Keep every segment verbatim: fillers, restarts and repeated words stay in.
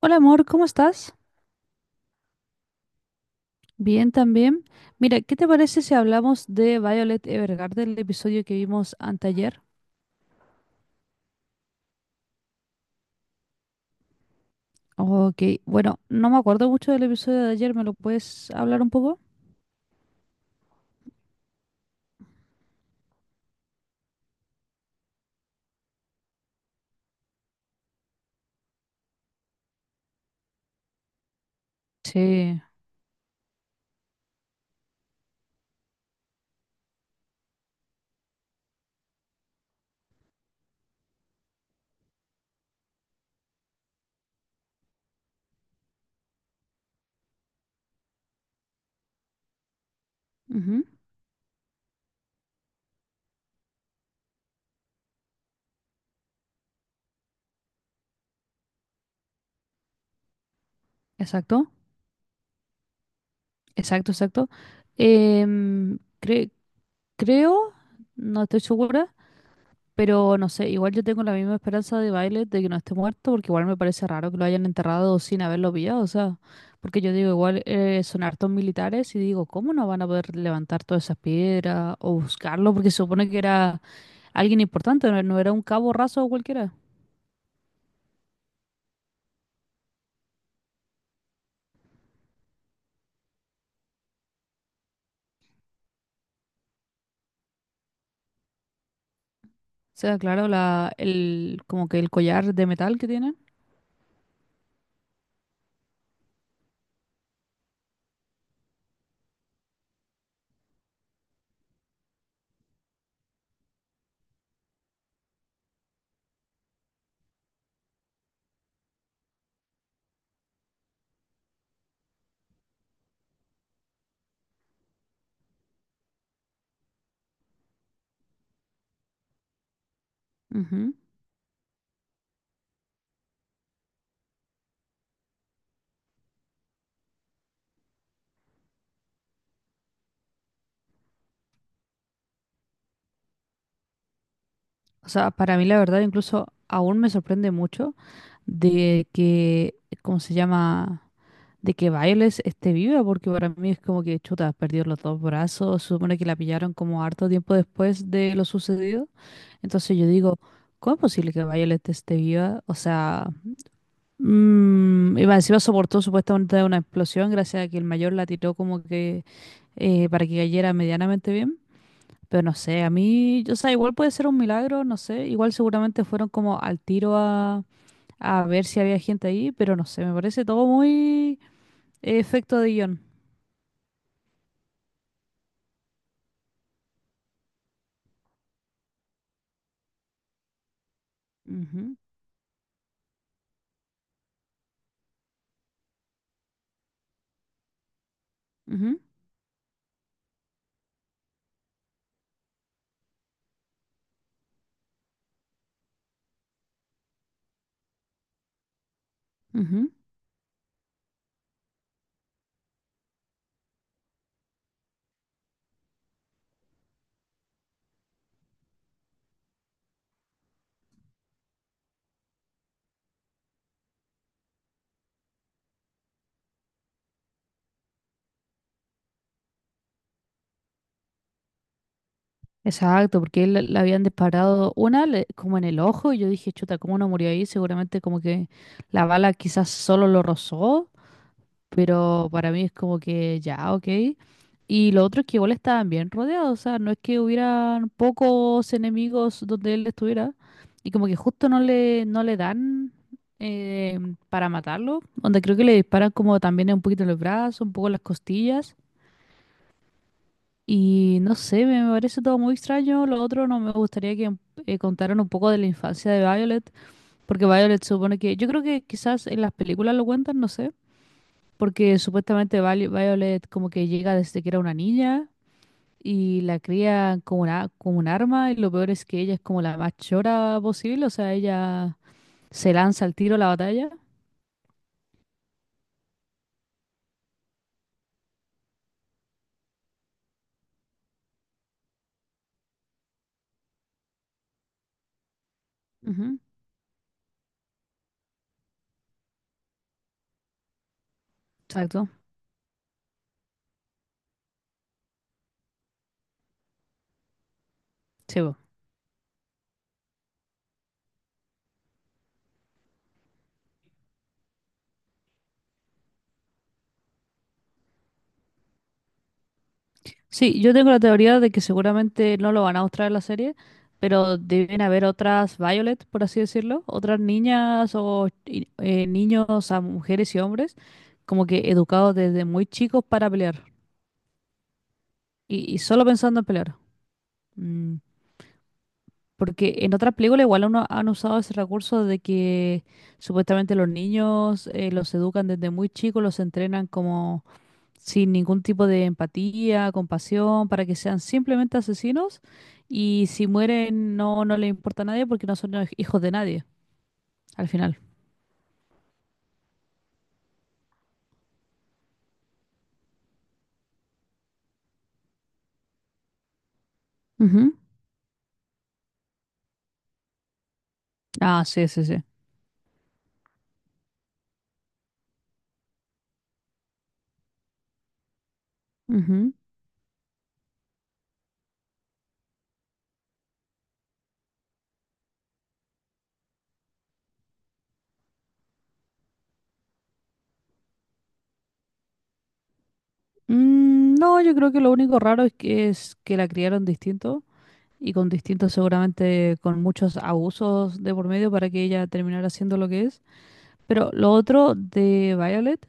Hola amor, ¿cómo estás? Bien también. Mira, ¿qué te parece si hablamos de Violet Evergarden, el episodio que vimos anteayer? Ok, bueno, no me acuerdo mucho del episodio de ayer, ¿me lo puedes hablar un poco? Sí. Ujú. Exacto, exacto, exacto. Em, cre- Creo, no estoy segura. Pero no sé, igual yo tengo la misma esperanza de Violet de que no esté muerto, porque igual me parece raro que lo hayan enterrado sin haberlo pillado, o sea, porque yo digo, igual eh, son hartos militares y digo, ¿cómo no van a poder levantar todas esas piedras o buscarlo? Porque se supone que era alguien importante, no, no era un cabo raso o cualquiera. O sea, claro, la, el, como que el collar de metal que tienen. Ujú. O sea, para mí la verdad incluso aún me sorprende mucho de que, ¿cómo se llama? De que Violet esté viva, porque para mí es como que chuta, perdió los dos brazos, se supone que la pillaron como harto tiempo después de lo sucedido. Entonces yo digo, ¿cómo es posible que Violet esté viva? O sea, mm, y más encima soportó supuestamente una explosión gracias a que el mayor la tiró como que eh, para que cayera medianamente bien. Pero no sé, a mí, o sea, igual puede ser un milagro, no sé, igual seguramente fueron como al tiro a, a ver si había gente ahí, pero no sé, me parece todo muy eh, efecto de guión. Ujú. Ujú, ujú. Exacto, porque él le habían disparado una le- como en el ojo y yo dije, chuta, ¿cómo no murió ahí? Seguramente como que la bala quizás solo lo rozó, pero para mí es como que ya, ok. Y lo otro es que igual estaban bien rodeados, o sea, no es que hubieran pocos enemigos donde él estuviera y como que justo no le, no le dan eh, para matarlo, donde creo que le disparan como también un poquito en los brazos, un poco en las costillas. Y no sé, me parece todo muy extraño. Lo otro no me gustaría que eh, contaran un poco de la infancia de Violet, porque Violet supone que, yo creo que quizás en las películas lo cuentan, no sé, porque supuestamente Vali- Violet como que llega desde que era una niña y la cría como una, como un arma y lo peor es que ella es como la más chora posible, o sea, ella se lanza al tiro a la batalla. Ujú, exacto. Sí, Sí, yo tengo la teoría de que seguramente no lo van a mostrar en la serie, pero deben haber otras Violet, por así decirlo, otras niñas o i- eh, niños a mujeres y hombres, como que educados desde muy chicos para pelear y, y solo pensando en pelear. Mm. Porque en otras películas igual uno han usado ese recurso de que supuestamente los niños eh, los educan desde muy chicos, los entrenan como sin ningún tipo de empatía, compasión, para que sean simplemente asesinos y si mueren no, no les importa a nadie porque no son hij- hijos de nadie al final. Ujú. Ah, sí, sí, sí. Ujú. Mm, no, yo creo que lo único raro es que, es que la criaron distinto. Y con distintos, seguramente con muchos abusos de por medio para que ella terminara siendo lo que es. Pero lo otro de Violet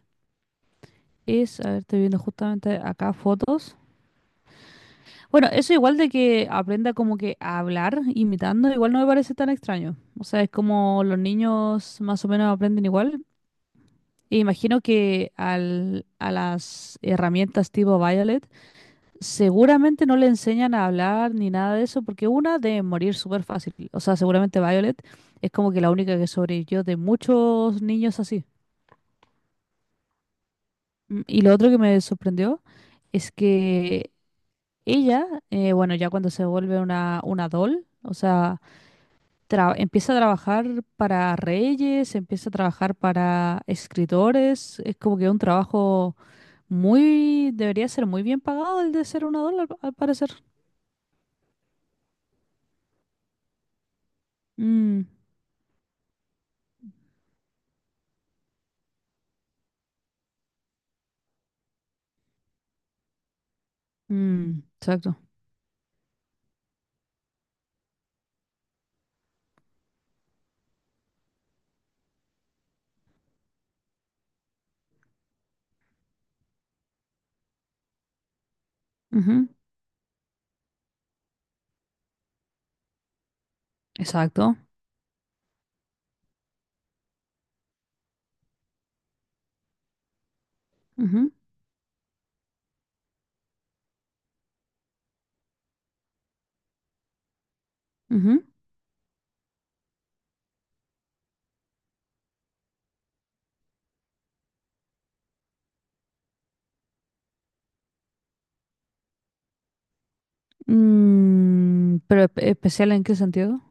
es, a ver, estoy viendo justamente acá fotos. Bueno, eso igual de que aprenda como que a hablar imitando, igual no me parece tan extraño. O sea, es como los niños más o menos aprenden igual. E imagino que al, a las herramientas tipo Violet seguramente no le enseñan a hablar ni nada de eso, porque una debe morir súper fácil. O sea, seguramente Violet es como que la única que sobrevivió de muchos niños así. Mm. Y lo otro que me sorprendió es que ella, eh, bueno, ya cuando se vuelve una, una doll, o sea, tra- empieza a trabajar para reyes, empieza a trabajar para escritores, es como que un trabajo muy, debería ser muy bien pagado el de ser una doll, al, al parecer. Mm, mm, exacto. Ujú, exacto. Ujú, ujú. Mm, pero espe- ¿especial en qué sentido?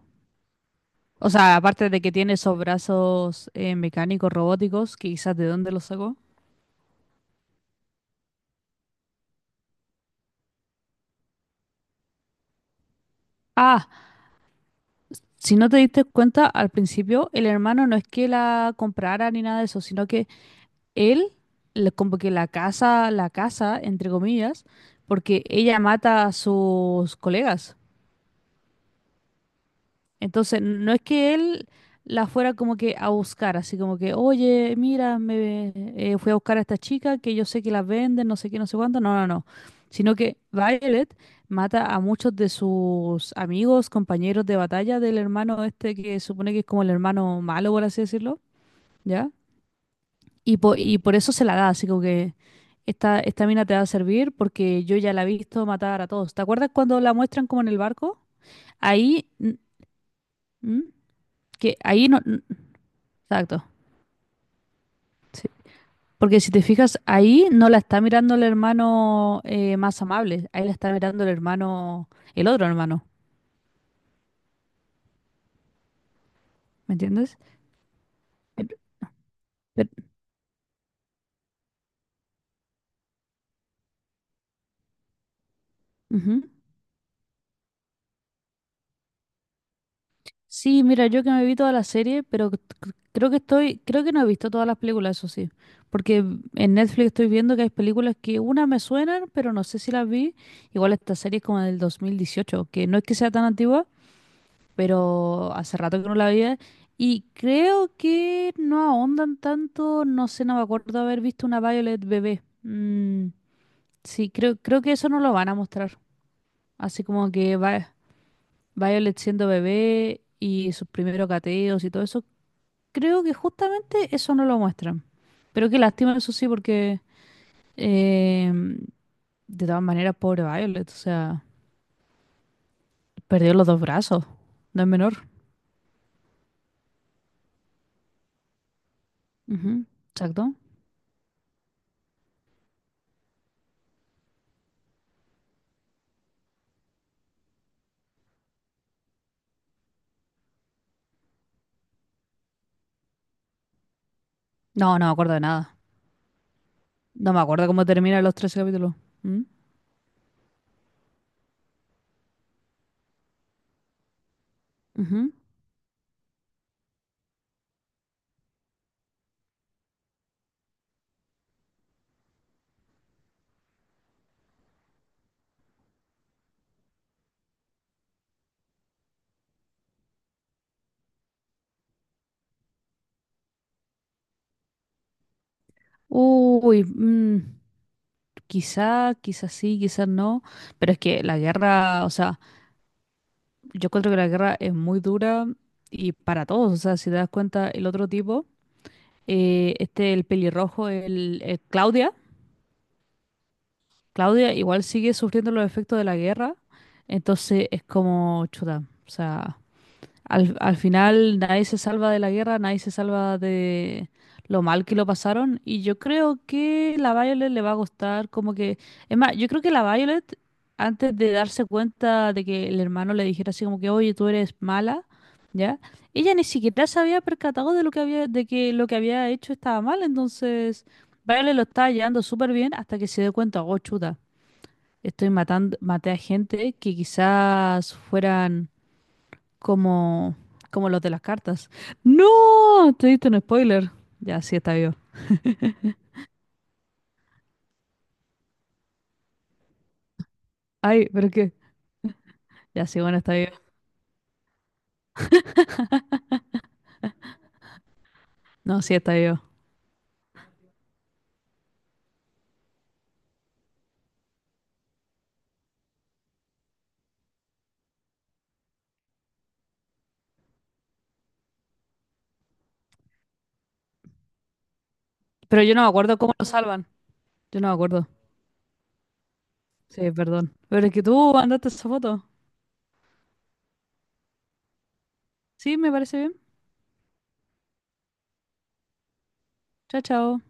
O sea, aparte de que tiene esos brazos eh, mecánicos, robóticos, que quizás de dónde los sacó. Ah, si no te diste cuenta al principio, el hermano no es que la comprara ni nada de eso, sino que él, le- como que la casa, la casa, entre comillas, porque ella mata a sus colegas. Entonces, no es que él la fuera como que a buscar, así como que, oye, mira, me eh, fui a buscar a esta chica que yo sé que las venden, no sé qué, no sé cuánto. No, no, no. Sino que Violet mata a muchos de sus amigos, compañeros de batalla del hermano este que supone que es como el hermano malo, por así decirlo, ¿ya? Y, po- y por eso se la da, así como que esta, esta mina te va a servir porque yo ya la he visto matar a todos. ¿Te acuerdas cuando la muestran como en el barco? Ahí, mm, mm, que ahí no. Exacto. Porque si te fijas, ahí no la está mirando el hermano eh, más amable, ahí la está mirando el hermano, el otro hermano, ¿me entiendes? Pero- pero- ujú. Sí, mira, yo que me vi toda la serie, pero c- c- creo que estoy, creo que no he visto todas las películas, eso sí. Porque en Netflix estoy viendo que hay películas que una me suenan, pero no sé si las vi. Igual esta serie es como del dos mil dieciocho, que no es que sea tan antigua, pero hace rato que no la veía. Y creo que no ahondan tanto, no sé, no me acuerdo haber visto una Violet bebé. Mm, sí, creo, creo que eso no lo van a mostrar. Así como que Va- Violet siendo bebé y sus primeros gateos y todo eso, creo que justamente eso no lo muestran. Pero qué lástima, eso sí, porque eh, de todas maneras, pobre Violet, o sea, perdió los dos brazos, no es menor. Ujú, exacto. No, no me acuerdo de nada. No me acuerdo cómo terminan los trece capítulos. ¿Mm? Ujú. Uy, mm, quizá, quizás sí, quizás no. Pero es que la guerra, o sea, yo encuentro que la guerra es muy dura y para todos. O sea, si te das cuenta, el otro tipo, eh, este, el pelirrojo, el, eh, Claudia, Claudia igual sigue sufriendo los efectos de la guerra. Entonces es como chuta. O sea. Al, al final nadie se salva de la guerra, nadie se salva de lo mal que lo pasaron. Y yo creo que la Violet le va a gustar como que... Es más, yo creo que la Violet, antes de darse cuenta de que el hermano le dijera así como que, oye, tú eres mala, ¿ya? Ella ni siquiera se había percatado de lo que había, de que lo que había hecho estaba mal. Entonces, Violet lo estaba llevando súper bien hasta que se dio cuenta, oh, chuta, estoy matando, maté a gente que quizás fueran como, como los de las cartas. ¡No! Te diste un spoiler. Ya, sí está vivo. Ay, pero qué. Ya, sí, bueno, está vivo. No, sí está vivo. Pero yo no me acuerdo cómo lo salvan. Yo no me acuerdo. Sí, perdón. Pero es que tú mandaste esa foto. Sí, me parece bien. Chao, chao.